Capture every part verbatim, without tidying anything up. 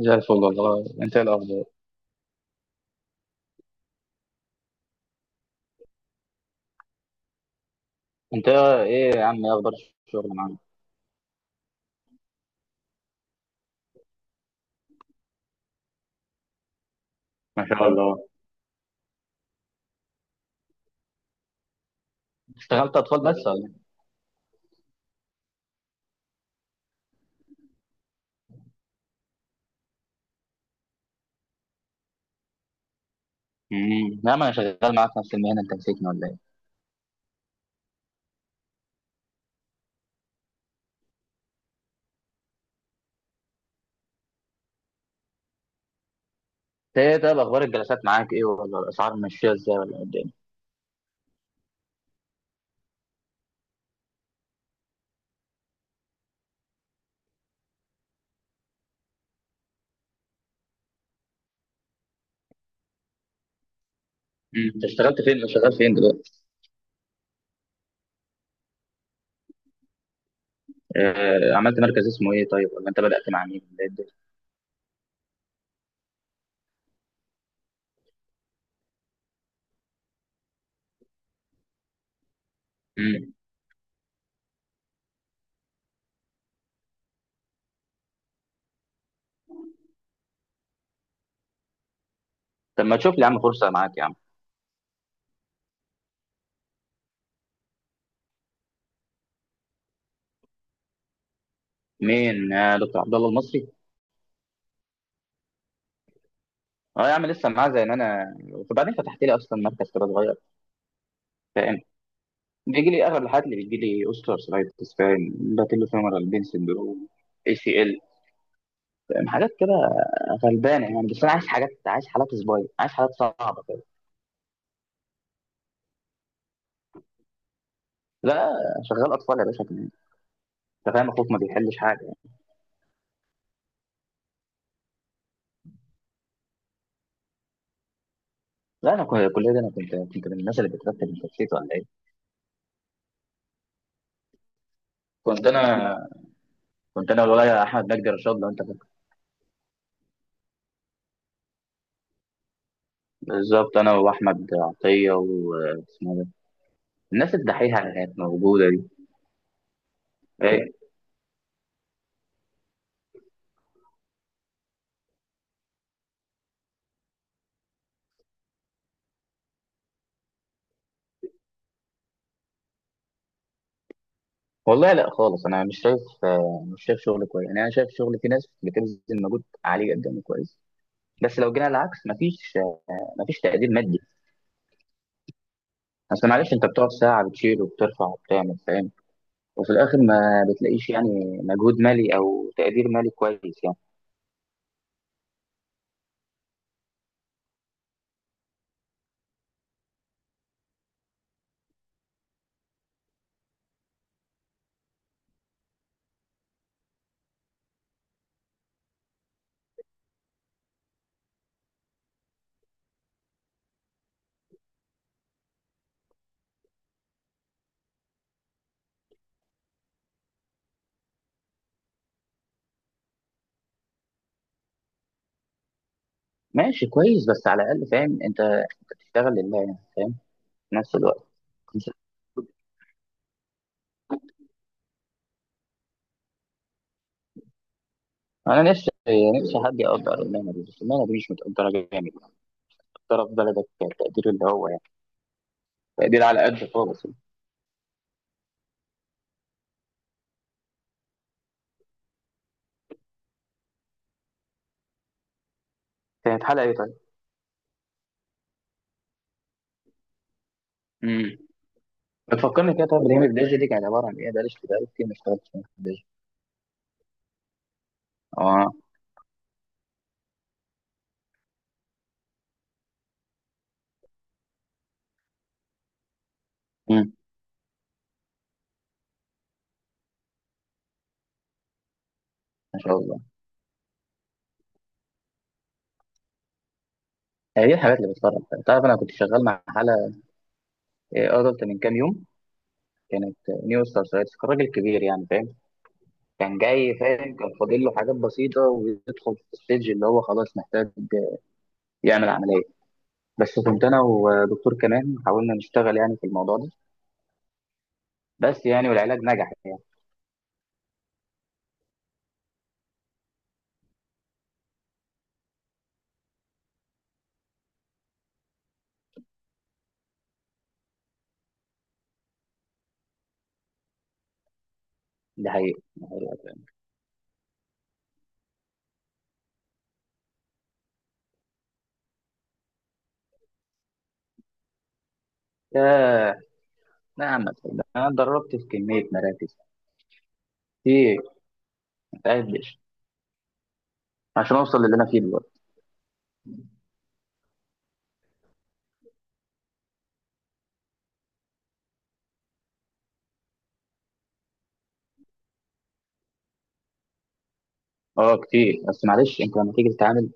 زي الفل والله. انت ايه الاخبار؟ انت ايه يا عم، ايه اخبار الشغل معاك؟ ما شاء الله. اشتغلت اطفال بس ولا ايه؟ امم لا، ما انا شغال معاك نفس المهنه. انت نسيتني ولا ايه؟ انت ايه طيب، اخبار الجلسات معاك، ايه ولا الاسعار ماشيه ازاي، ولا قد ايه؟ مم. انت امم اشتغلت فين، شغال فين دلوقتي؟ اه، عملت مركز اسمه ايه طيب، ولا انت بدات مع مين، ولا ايه الدنيا؟ امم طب ما تشوف لي يا عم فرصه معاك يا عم. مين، يا دكتور عبد الله المصري؟ اه يا عم، لسه معاه زي ما انا. وبعدين فتحت لي اصلا مركز كده صغير. بيجي لي اغلب الحالات اللي بيجي لي، اوستر سلايتس، فاهم، باتيلو فيمورال بين سندروم، اي سي ال، فاهم حاجات كده. غلبانه يعني. بس انا عايز حاجات، عايز حالات صبايا، عايز حالات صعبه كده. لا، شغال اطفال يا باشا كمان. انت فاهم اخوك ما بيحلش حاجه يعني. لا، انا كنت الكليه دي، انا كنت كنت من الناس اللي بترتب، الترتيب ولا ايه؟ كنت انا كنت انا والولا احمد مجدي رشاد، لو انت فاكر. بالظبط، انا واحمد عطيه واسمه ده. الناس الدحيحه اللي كانت موجوده دي. إيه، والله لا خالص. انا مش شايف آه، مش شايف شغل كويس يعني. انا شايف شغل في ناس بتبذل مجهود عالي جدا وكويس. بس لو جينا العكس، مفيش آه، مفيش تقدير مادي. اصل معلش، انت بتقعد ساعه بتشيل وبترفع وبتعمل، فاهم، وفي الاخر ما بتلاقيش يعني مجهود مالي او تقدير مالي كويس يعني. ماشي كويس، بس على الاقل فاهم انت أنت بتشتغل لله يعني، فاهم، في نفس الوقت. انا نفسي نفسي حد يقدر المهنه دي، بس المهنه دي مش متقدره جامد. متقدره في بلدك التقدير اللي هو يعني تقدير على قد خالص يعني. كانت حلقه ايه؟ طيب؟ بتفكرني كده. طب ليه الداجي دي كانت عباره عن ايه؟ بقالي كتير بقالي كتير ما اشتغلتش في الداجي. اه. امم ما شاء الله. هي دي الحاجات اللي بتفرج فيها. تعرف، انا كنت شغال مع حاله، إيه، ادلت من كام يوم. كانت، نيو ستار سايتس، كان راجل كبير يعني، فاهم. كان جاي، فاهم، كان فاضل له حاجات بسيطه ويدخل في الستيج اللي هو خلاص محتاج يعمل عمليه. بس كنت انا ودكتور كمان حاولنا نشتغل يعني في الموضوع ده، بس يعني والعلاج نجح يعني. ده حقيقي ده حقيقي. ياه، نعم. أنا اتدربت في كمية مراكز كتير متقدش، عشان اوصل للي انا فيه دلوقتي. اه كتير. بس معلش، انت لما تيجي تتعامل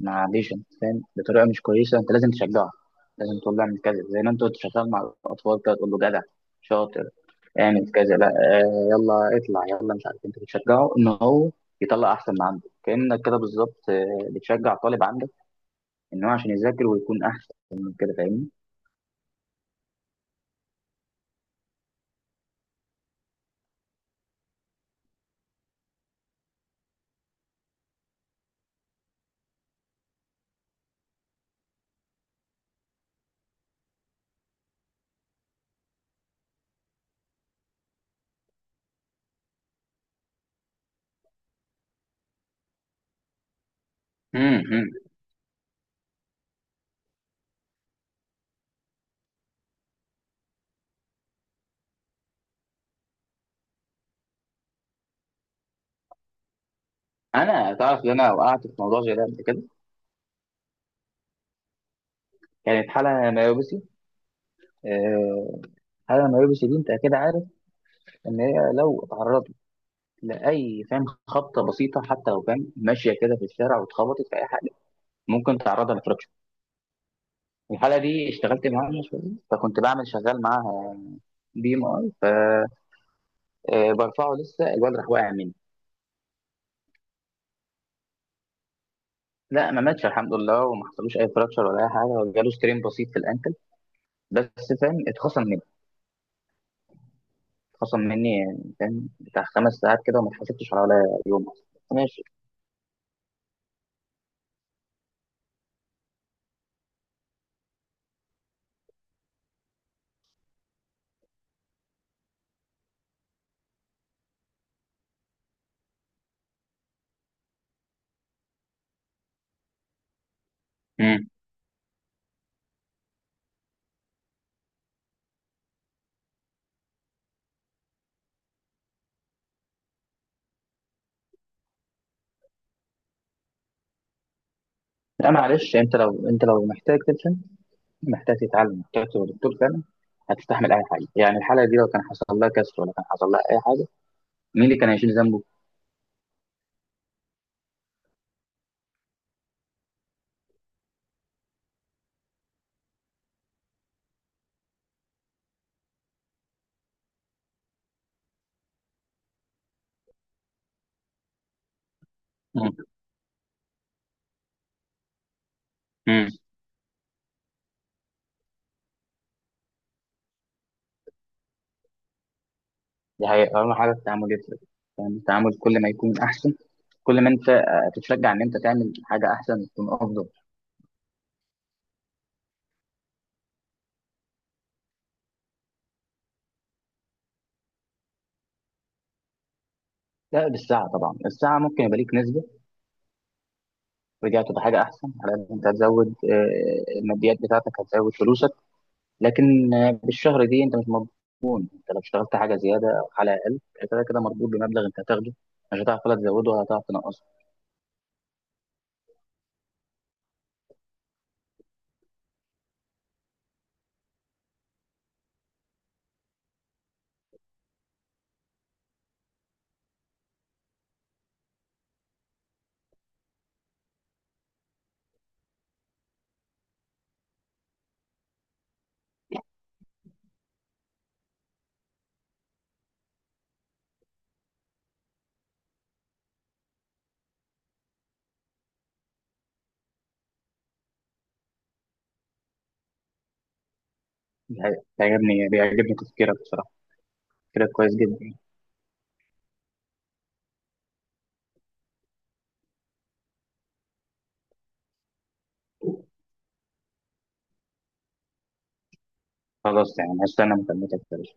مع ليجند فاهم بطريقه مش كويسه، انت لازم تشجعه. لازم تقول له اعمل كذا، زي ما انت كنت شغال مع الاطفال كده، تقول له جدع، شاطر، اعمل كذا، لا، آه، يلا اطلع يلا، مش عارف إيه. انت بتشجعه ان هو يطلع احسن ما عنده، كانك كده بالظبط، آه، بتشجع طالب عندك ان هو عشان يذاكر ويكون احسن من كده، فاهمني؟ امم انا تعرف ان انا وقعت في موضوع زي ده قبل كده. كانت حاله مايوبسي. آه، حاله مايوبسي دي انت اكيد عارف ان هي لو اتعرضت لأي، فاهم، خبطة بسيطة، حتى لو، فاهم، ماشية كده في الشارع واتخبطت في أي حاجة، ممكن تعرضها لفراكشر. الحالة دي اشتغلت معاها شوية. فكنت بعمل شغال معاها بي ام اي. فبرفعه لسه الواد راح واقع مني. لا، ما ماتش الحمد لله، وما حصلوش اي فراكشر ولا اي حاجه، وجاله سترين بسيط في الانكل. بس فاهم اتخصم مني. اتخصم مني يعني، فاهم، بتاع خمس ساعات كده، وما اتحاسبتش على ولا يوم أصلاً. ماشي. مم. لا معلش، انت لو انت لو محتاج تلحق، محتاج تتعلم، محتاج تبقى دكتور فعلا، هتستحمل اي حاجه يعني. الحلقه دي لو كان حصل لها كسر، ولا كان حصل لها اي حاجه، مين اللي كان هيشيل ذنبه؟ مم. مم. دي حقيقة، اهم حاجه التعامل يفرق. يعني التعامل كل ما يكون احسن، كل ما انت آه، تتشجع ان انت تعمل حاجه احسن، تكون افضل. لا، بالساعه طبعا. الساعه ممكن يبقى ليك نسبه، رجعت بحاجه احسن. على قد انت هتزود، آه، الماديات بتاعتك هتزود فلوسك. لكن آه، بالشهر دي انت مش مربوط. انت لو اشتغلت حاجه زياده او حاجه اقل، أنت كده كده مربوط بمبلغ انت هتاخده. مش هتعرف ولا تزوده ولا هتعرف تنقصه. دي حقيقة. بيعجبني بيعجبني تفكيرك بصراحة، تفكيرك كويس جدا. خلاص يعني، هستنى مكالمتك يا باشا.